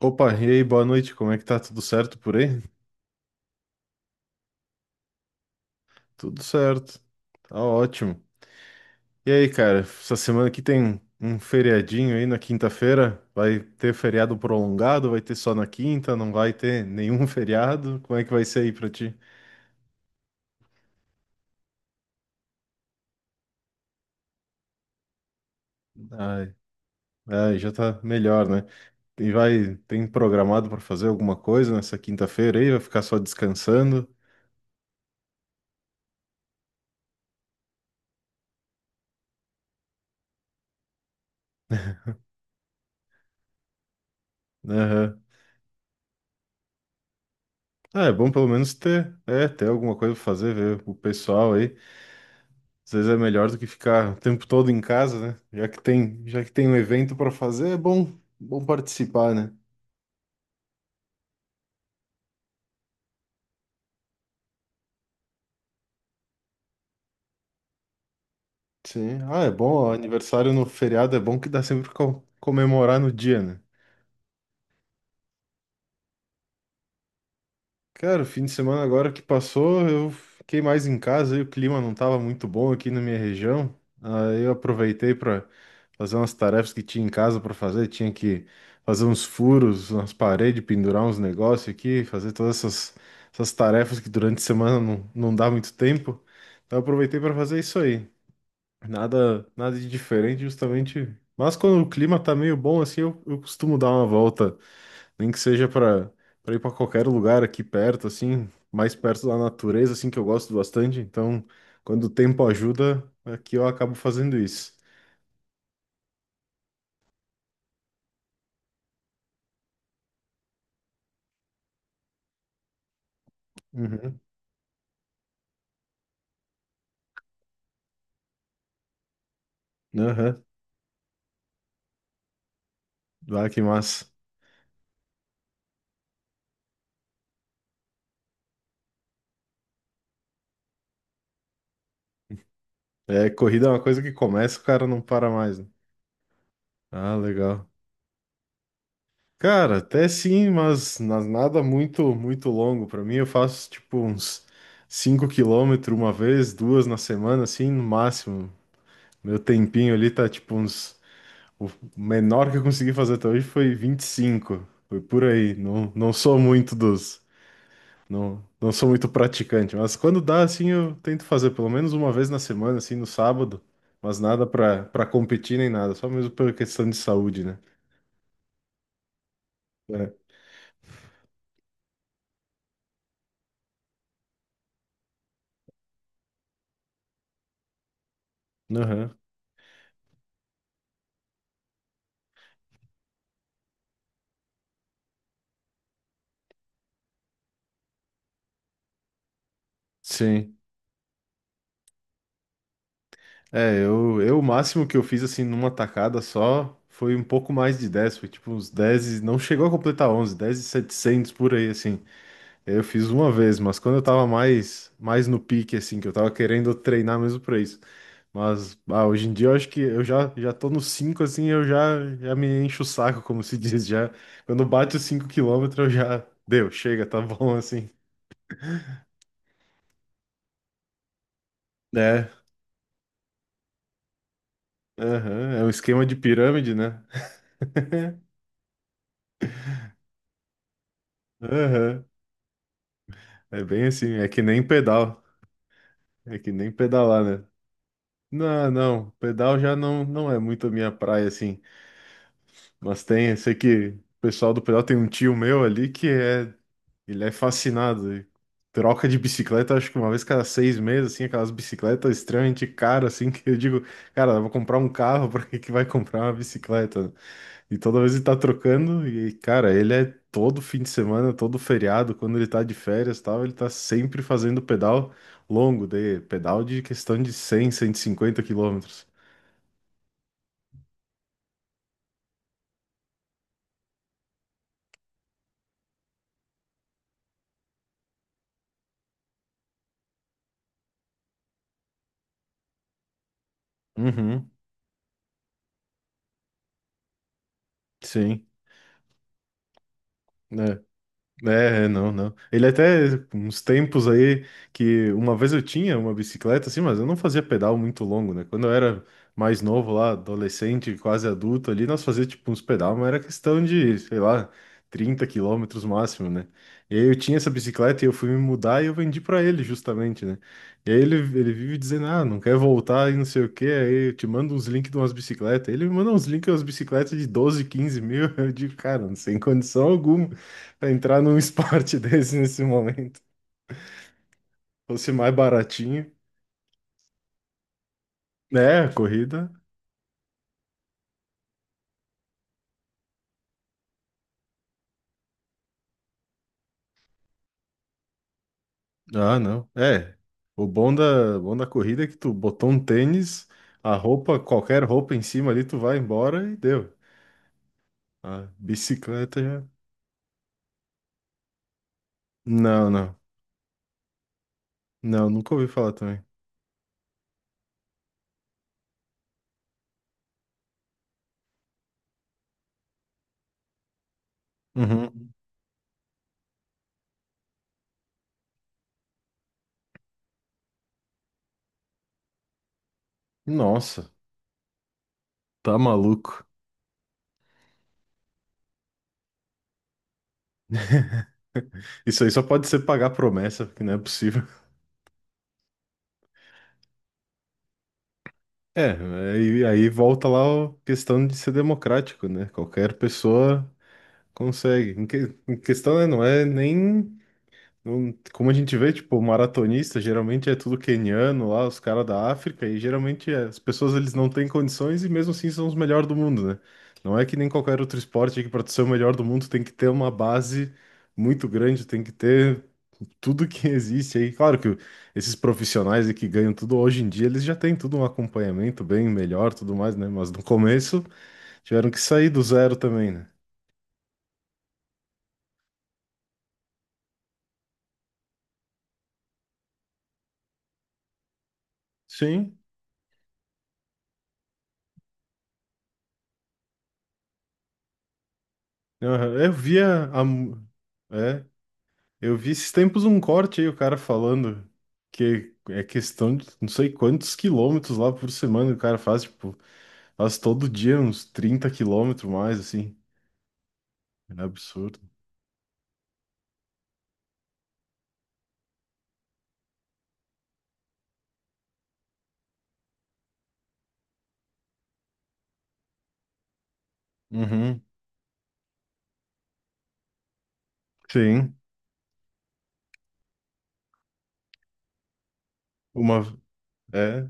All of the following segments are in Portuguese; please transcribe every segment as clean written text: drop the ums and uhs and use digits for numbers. Opa, e aí, boa noite, como é que tá? Tudo certo por aí? Tudo certo, tá ótimo. E aí, cara, essa semana aqui tem um feriadinho aí na quinta-feira? Vai ter feriado prolongado? Vai ter só na quinta? Não vai ter nenhum feriado? Como é que vai ser aí pra ti? Ai, ai, já tá melhor, né? E vai, tem programado pra fazer alguma coisa nessa quinta-feira aí? Vai ficar só descansando? Aham. Ah, é bom pelo menos ter, ter alguma coisa pra fazer, ver o pessoal aí. Às vezes é melhor do que ficar o tempo todo em casa, né? Já que tem um evento para fazer, é bom participar, né? Sim. Ah, é bom, ó, aniversário no feriado é bom que dá sempre pra comemorar no dia, né? Cara, o fim de semana agora que passou, eu fiquei mais em casa e o clima não estava muito bom aqui na minha região. Aí eu aproveitei para fazer umas tarefas que tinha em casa para fazer, tinha que fazer uns furos nas paredes, pendurar uns negócios aqui, fazer todas essas tarefas que durante a semana não dá muito tempo. Então eu aproveitei para fazer isso aí. Nada, nada de diferente, justamente. Mas quando o clima tá meio bom assim, eu costumo dar uma volta nem que seja para ir para qualquer lugar aqui perto, assim, mais perto da natureza, assim, que eu gosto bastante. Então, quando o tempo ajuda, aqui eu acabo fazendo isso. Uhum. Aham. Ah, que massa. É, corrida é uma coisa que começa, o cara não para mais, né? Ah, legal. Cara, até sim, mas nada muito muito longo pra mim. Eu faço tipo uns 5 km uma vez, duas na semana, assim, no máximo. Meu tempinho ali tá tipo uns. O menor que eu consegui fazer até hoje foi 25. Foi por aí. Não, não sou muito dos. Não, não sou muito praticante. Mas quando dá, assim, eu tento fazer pelo menos uma vez na semana, assim, no sábado. Mas nada pra competir nem nada. Só mesmo pela questão de saúde, né? É. Aham. Sim. É, eu o máximo que eu fiz, assim, numa tacada só foi um pouco mais de 10. Foi tipo uns 10 Não chegou a completar 11, 10 e 700 por aí, assim. Eu fiz uma vez, mas quando eu tava mais no pique, assim, que eu tava querendo treinar mesmo pra isso. Mas ah, hoje em dia eu acho que eu já tô no 5 assim, eu já me encho o saco, como se diz. Já, quando bate os 5 km, eu já deu, chega, tá bom, assim. É, aham, é um esquema de pirâmide, né? Aham. É bem assim, é que nem pedal, é que nem pedalar, né? Não, não, pedal já não, não é muito a minha praia, assim. Mas tem, eu sei que o pessoal do pedal tem um tio meu ali que é, ele é fascinado. Ele troca de bicicleta, acho que uma vez cada 6 meses, assim, aquelas bicicletas extremamente caras, assim, que eu digo, cara, eu vou comprar um carro, pra que que vai comprar uma bicicleta? E toda vez ele tá trocando, e, cara, ele é todo fim de semana, todo feriado, quando ele tá de férias e tal, ele tá sempre fazendo pedal longo, de pedal de questão de 100 150 km. Uhum, sim. É, não, não. Ele até, uns tempos aí, que uma vez eu tinha uma bicicleta, assim, mas eu não fazia pedal muito longo, né? Quando eu era mais novo lá, adolescente, quase adulto ali, nós fazia, tipo, uns pedal, mas era questão de, sei lá, 30 km máximo, né? E aí eu tinha essa bicicleta e eu fui me mudar e eu vendi pra ele, justamente, né? E aí ele vive dizendo, ah, não quer voltar e não sei o quê, aí eu te mando uns links de umas bicicletas. Ele me manda uns links de umas bicicletas de 12 15 mil, eu digo, cara, sem condição alguma. Pra entrar num esporte desse nesse momento. Fosse mais baratinho. É, a corrida. Ah, não. É. O bom da corrida é que tu botou um tênis, a roupa, qualquer roupa em cima ali, tu vai embora e deu. A bicicleta já. Não, não. Não, nunca ouvi falar também. Uhum. Nossa, tá maluco. Isso aí só pode ser pagar promessa, porque não é possível. É, aí volta lá a questão de ser democrático, né? Qualquer pessoa consegue. Em questão, né, não é nem. Como a gente vê, tipo, maratonista, geralmente é tudo queniano lá, os caras da África, e geralmente as pessoas eles não têm condições e mesmo assim são os melhores do mundo, né? Não é que nem qualquer outro esporte que para ser o melhor do mundo tem que ter uma base muito grande, tem que ter tudo que existe aí. Claro que esses profissionais aí que ganham tudo hoje em dia, eles já têm tudo um acompanhamento bem melhor, tudo mais, né? Mas no começo tiveram que sair do zero também, né? Sim. Aham. Eu via a mu- é, eu vi esses tempos um corte aí, o cara falando que é questão de não sei quantos quilômetros lá por semana o cara faz, tipo, faz todo dia uns 30 km mais, assim. É absurdo. Uhum. Sim. Uma, é,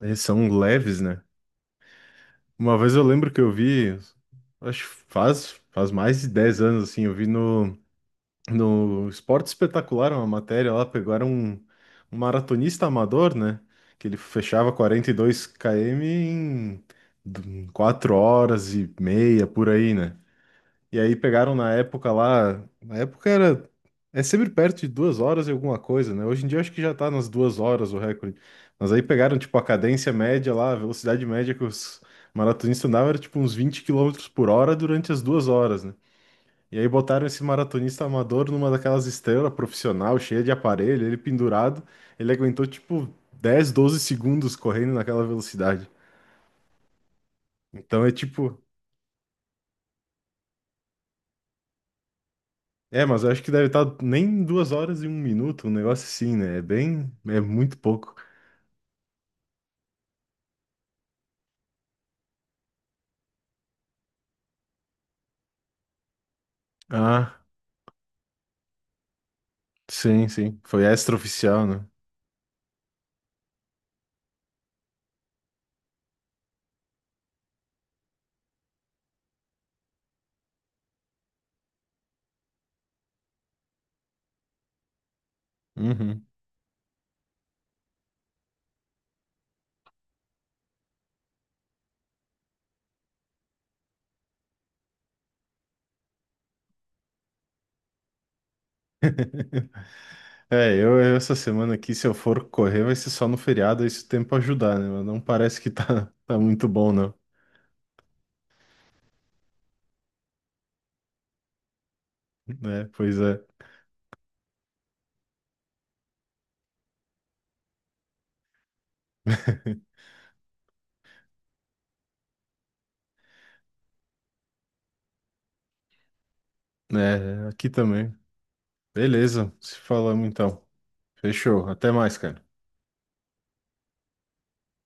Eles são leves, né? Uma vez eu lembro que eu vi, acho que faz mais de 10 anos, assim, eu vi No Esporte Espetacular, uma matéria lá, pegaram um maratonista amador, né? Que ele fechava 42 km em 4 horas e meia, por aí, né? E aí pegaram na época lá, na época era, é sempre perto de 2 horas e alguma coisa, né? Hoje em dia eu acho que já tá nas 2 horas o recorde. Mas aí pegaram, tipo, a cadência média lá, a velocidade média que os maratonistas andavam era, tipo, uns 20 quilômetros por hora durante as 2 horas, né? E aí botaram esse maratonista amador numa daquelas esteiras profissional, cheia de aparelho, ele pendurado, ele aguentou tipo 10 a 12 segundos correndo naquela velocidade. Então é tipo, mas eu acho que deve estar nem 2 horas e um minuto, um negócio assim, né? É muito pouco. Ah, sim, sim. Foi extraoficial, né? Uhum. É, eu essa semana aqui, se eu for correr, vai ser só no feriado, aí se o tempo ajudar, né? Mas não parece que tá, tá muito bom, não. Né, pois é. É, aqui também. Beleza, se falamos então. Fechou. Até mais, cara.